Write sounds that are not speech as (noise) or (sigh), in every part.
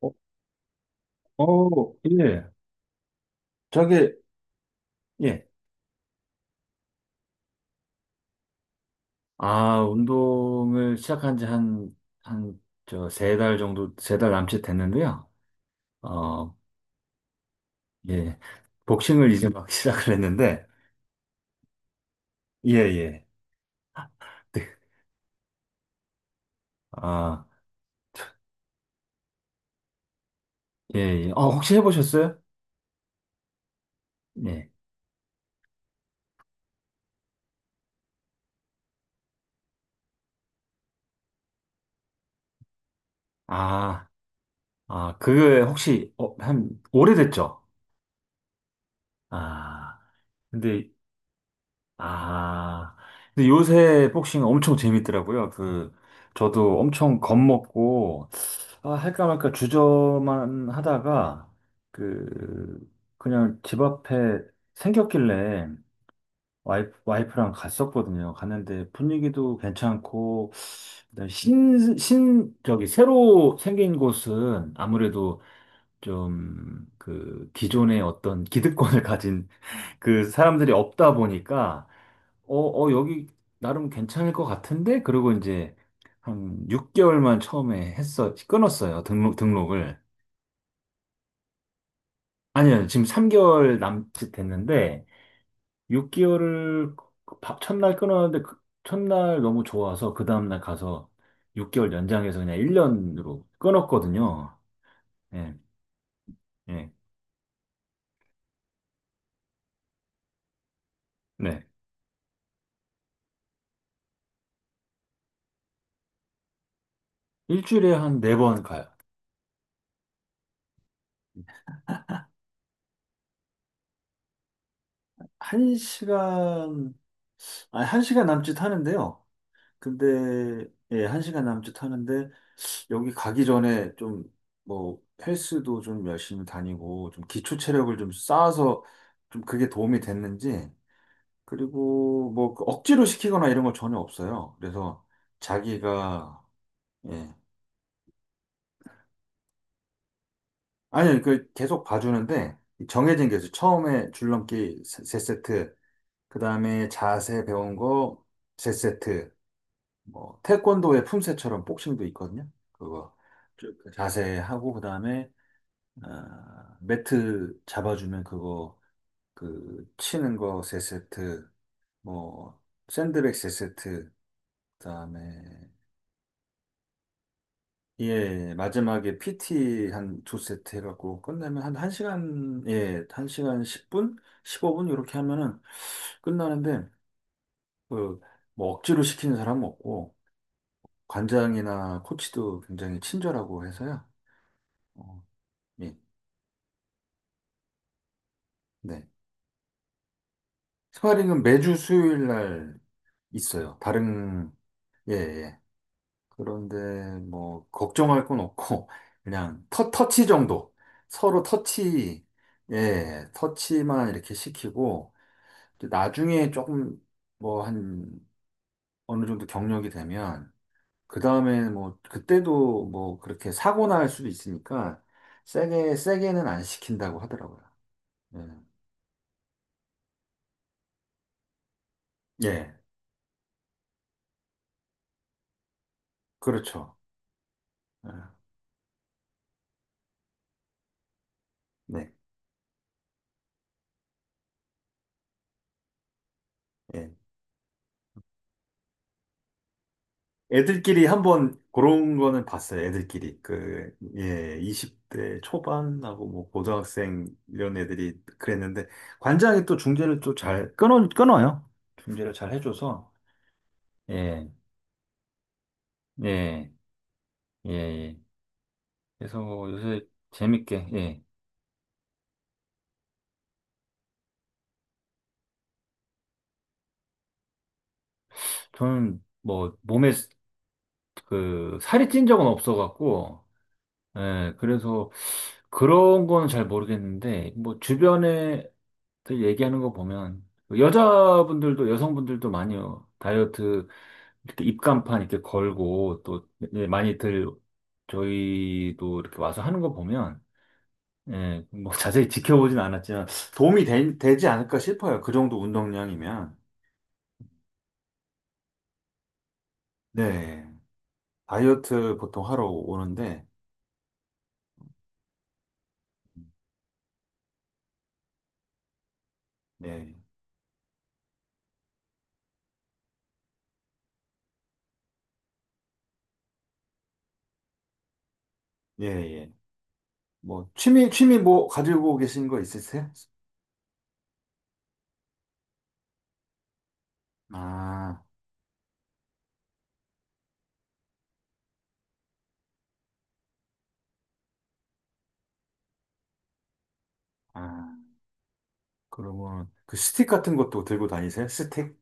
어, 어, 예. 저게, 예. 아, 운동을 시작한 지 한, 3달 정도, 3달 남짓 됐는데요. 어, 예. 복싱을 이제 막 (laughs) 시작을 했는데, 예, 예. 네. 아, 예, 예. 혹시 해보셨어요? 예. 아, 아, 그게 혹시, 오래됐죠? 아, 근데, 아, 근데 요새 복싱 엄청 재밌더라고요. 그, 저도 엄청 겁먹고, 아, 할까 말까 주저만 하다가 그 그냥 집 앞에 생겼길래 와이프랑 갔었거든요. 갔는데 분위기도 괜찮고 그다음에 신, 신 저기 새로 생긴 곳은 아무래도 좀 그 기존의 어떤 기득권을 (laughs) 가진 그 사람들이 없다 보니까 여기 나름 괜찮을 것 같은데 그리고 이제 한 6개월만 처음에 했어 끊었어요. 등록을. 아니요, 지금 3개월 남짓 됐는데, 6개월을 밥 첫날 끊었는데, 그 첫날 너무 좋아서, 그 다음날 가서 6개월 연장해서 그냥 1년으로 끊었거든요. 예, 예, 네. 일주일에 한 4번 가요. 1시간, 아니, 한 시간 남짓 하는데요. 근데, 예, 1시간 남짓 하는데, 여기 가기 전에 좀, 뭐, 헬스도 좀 열심히 다니고, 좀 기초 체력을 좀 쌓아서, 좀 그게 도움이 됐는지, 그리고 뭐그 억지로 시키거나 이런 거 전혀 없어요. 그래서 자기가 예. 아니 그 계속 봐주는데 정해진 게 있어요. 처음에 줄넘기 세 세트, 그다음에 자세 배운 거 세 세트, 뭐 태권도의 품새처럼 복싱도 있거든요. 그거 쭉 자세 하고 그다음에 아, 매트 잡아주면 그거 그 치는 거 세 세트, 뭐 샌드백 세 세트, 그다음에 예, 마지막에 PT 한 두 세트 해갖고 끝내면 한 1시간, 예, 1시간 십0분 15분? 이렇게 하면은 끝나는데, 그, 뭐 억지로 시키는 사람은 없고, 관장이나 코치도 굉장히 친절하고 해서요. 어, 예, 네. 스파링은 매주 수요일 날 있어요. 다른, 예, 예. 그런데 뭐, 걱정할 건 없고, (laughs) 그냥 터치 정도. 서로 터치, 예, 터치만 이렇게 시키고, 이제 나중에 조금 뭐 한 어느 정도 경력이 되면 그 다음에 뭐 그때도 뭐 그렇게 사고 날 수도 있으니까 세게는 안 시킨다고 하더라고요. 예, 예, 그렇죠. 예, 네, 예. 애들끼리 한번 그런 거는 봤어요. 애들끼리 그 예, 20대 초반하고 뭐 고등학생 이런 애들이 그랬는데 관장이 또 중재를 또 잘 끊어요. 중재를 잘 해줘서 예, 예, 예. 예. 그래서 요새 재밌게, 예. 저는 뭐 몸에 그 살이 찐 적은 없어갖고, 예. 그래서 그런 건 잘 모르겠는데, 뭐 주변에 들 얘기하는 거 보면, 여자분들도, 여성분들도 많이 요 다이어트 이렇게 입간판 이렇게 걸고 또 예, 많이들 저희도 이렇게 와서 하는 거 보면, 예. 뭐 (laughs) 자세히 지켜보진 않았지만 도움이 되지 않을까 싶어요. 그 정도 운동량이면. 네. 다이어트 보통 하러 오는데, 예, 예, 예. 뭐, 취미 뭐, 가지고 계신 거 있으세요? 아, 아, 그러면 그 스틱 같은 것도 들고 다니세요? 스틱?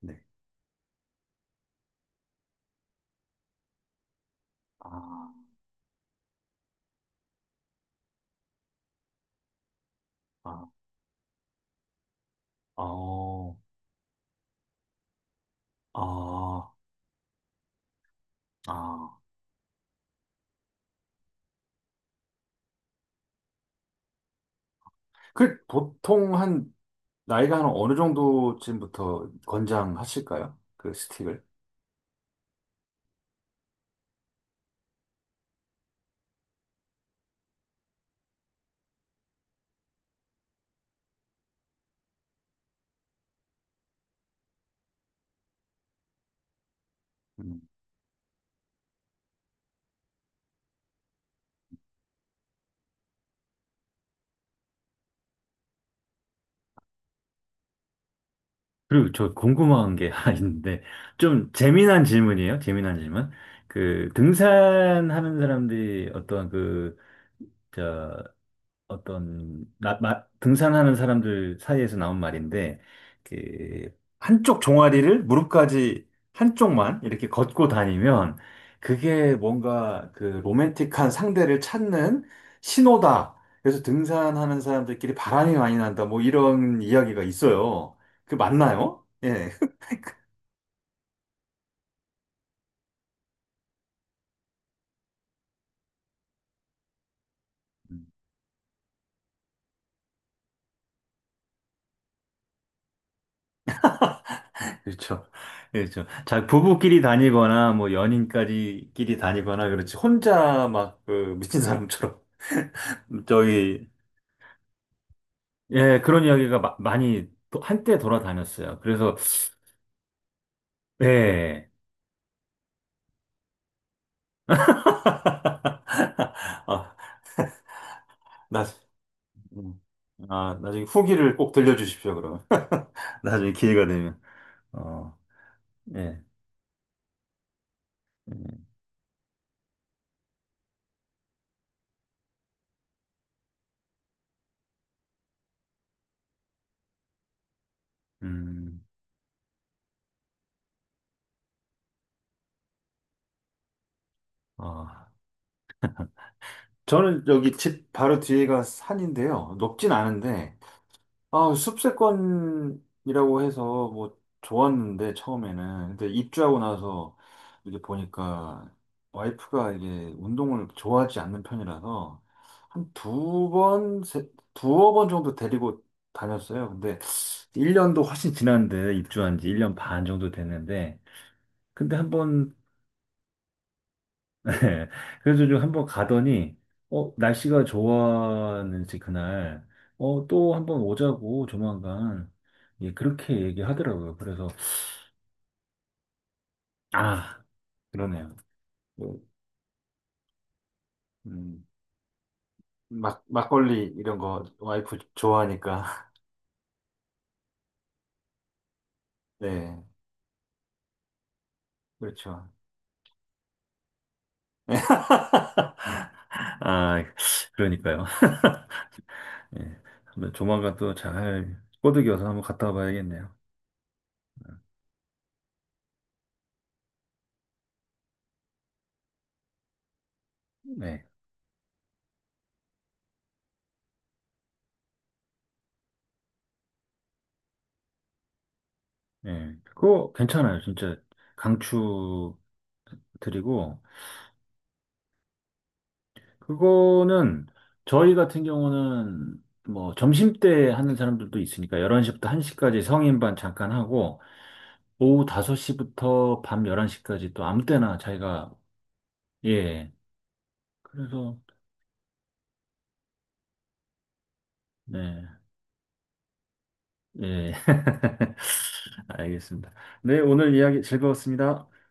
네. 아, 아, 어, 아, 아. 그, 보통 나이가 한 어느 정도쯤부터 권장하실까요? 그 스틱을? 음. 그리고 저 궁금한 게 (laughs) 하나 있는데, 좀 재미난 질문이에요. 재미난 질문. 그, 등산하는 사람들이 어떤 그, 저, 어떤, 나, 마, 등산하는 사람들 사이에서 나온 말인데, 그, 한쪽 종아리를 무릎까지 한쪽만 이렇게 걷고 다니면, 그게 뭔가 그 로맨틱한 상대를 찾는 신호다. 그래서 등산하는 사람들끼리 바람이 많이 난다. 뭐 이런 이야기가 있어요. 그 맞나요? 예. 그렇죠. 그렇죠. 자, 부부끼리 다니거나, 뭐, 연인까지 끼리 다니거나, 그렇지. 혼자 막, 그, 미친 사람처럼. (laughs) 저기, 예, 그런 이야기가 많이, 한때 돌아다녔어요. 그래서, 예. 아, 나, 음. 아, 나중에 후기를 꼭 들려주십시오, 그러면. (laughs) 나중에 기회가 되면. 어, 예. 음, 아. 저는 여기 집 바로 뒤에가 산인데요. 높진 않은데, 아, 숲세권이라고 해서 뭐 좋았는데 처음에는 근데 입주하고 나서 이게 보니까 와이프가 이게 운동을 좋아하지 않는 편이라서 한 두 번, 두어 번 정도 데리고 다녔어요. 근데 1년도 훨씬 지났는데 입주한 지 1년 반 정도 됐는데 근데 한번 (laughs) 네. 그래서 좀 한번 가더니, 날씨가 좋았는지 그날, 또 한번 오자고 조만간, 예, 그렇게 얘기하더라고요. 그래서, 아, 그러네요. 뭐, 음, 막걸리 이런 거 와이프 좋아하니까. (laughs) 네, 그렇죠. 아, 그러니까요. 예. 한번 조만간 또 잘 꼬드겨서 한번 갔다 와봐야겠네요. 네. 예. 그거 괜찮아요. 진짜 강추 드리고, 그거는 저희 같은 경우는 뭐 점심때 하는 사람들도 있으니까 11시부터 1시까지 성인반 잠깐 하고 오후 5시부터 밤 11시까지 또 아무 때나 자기가 예. 그래서 네. 예. (laughs) 알겠습니다. 네, 오늘 이야기 즐거웠습니다.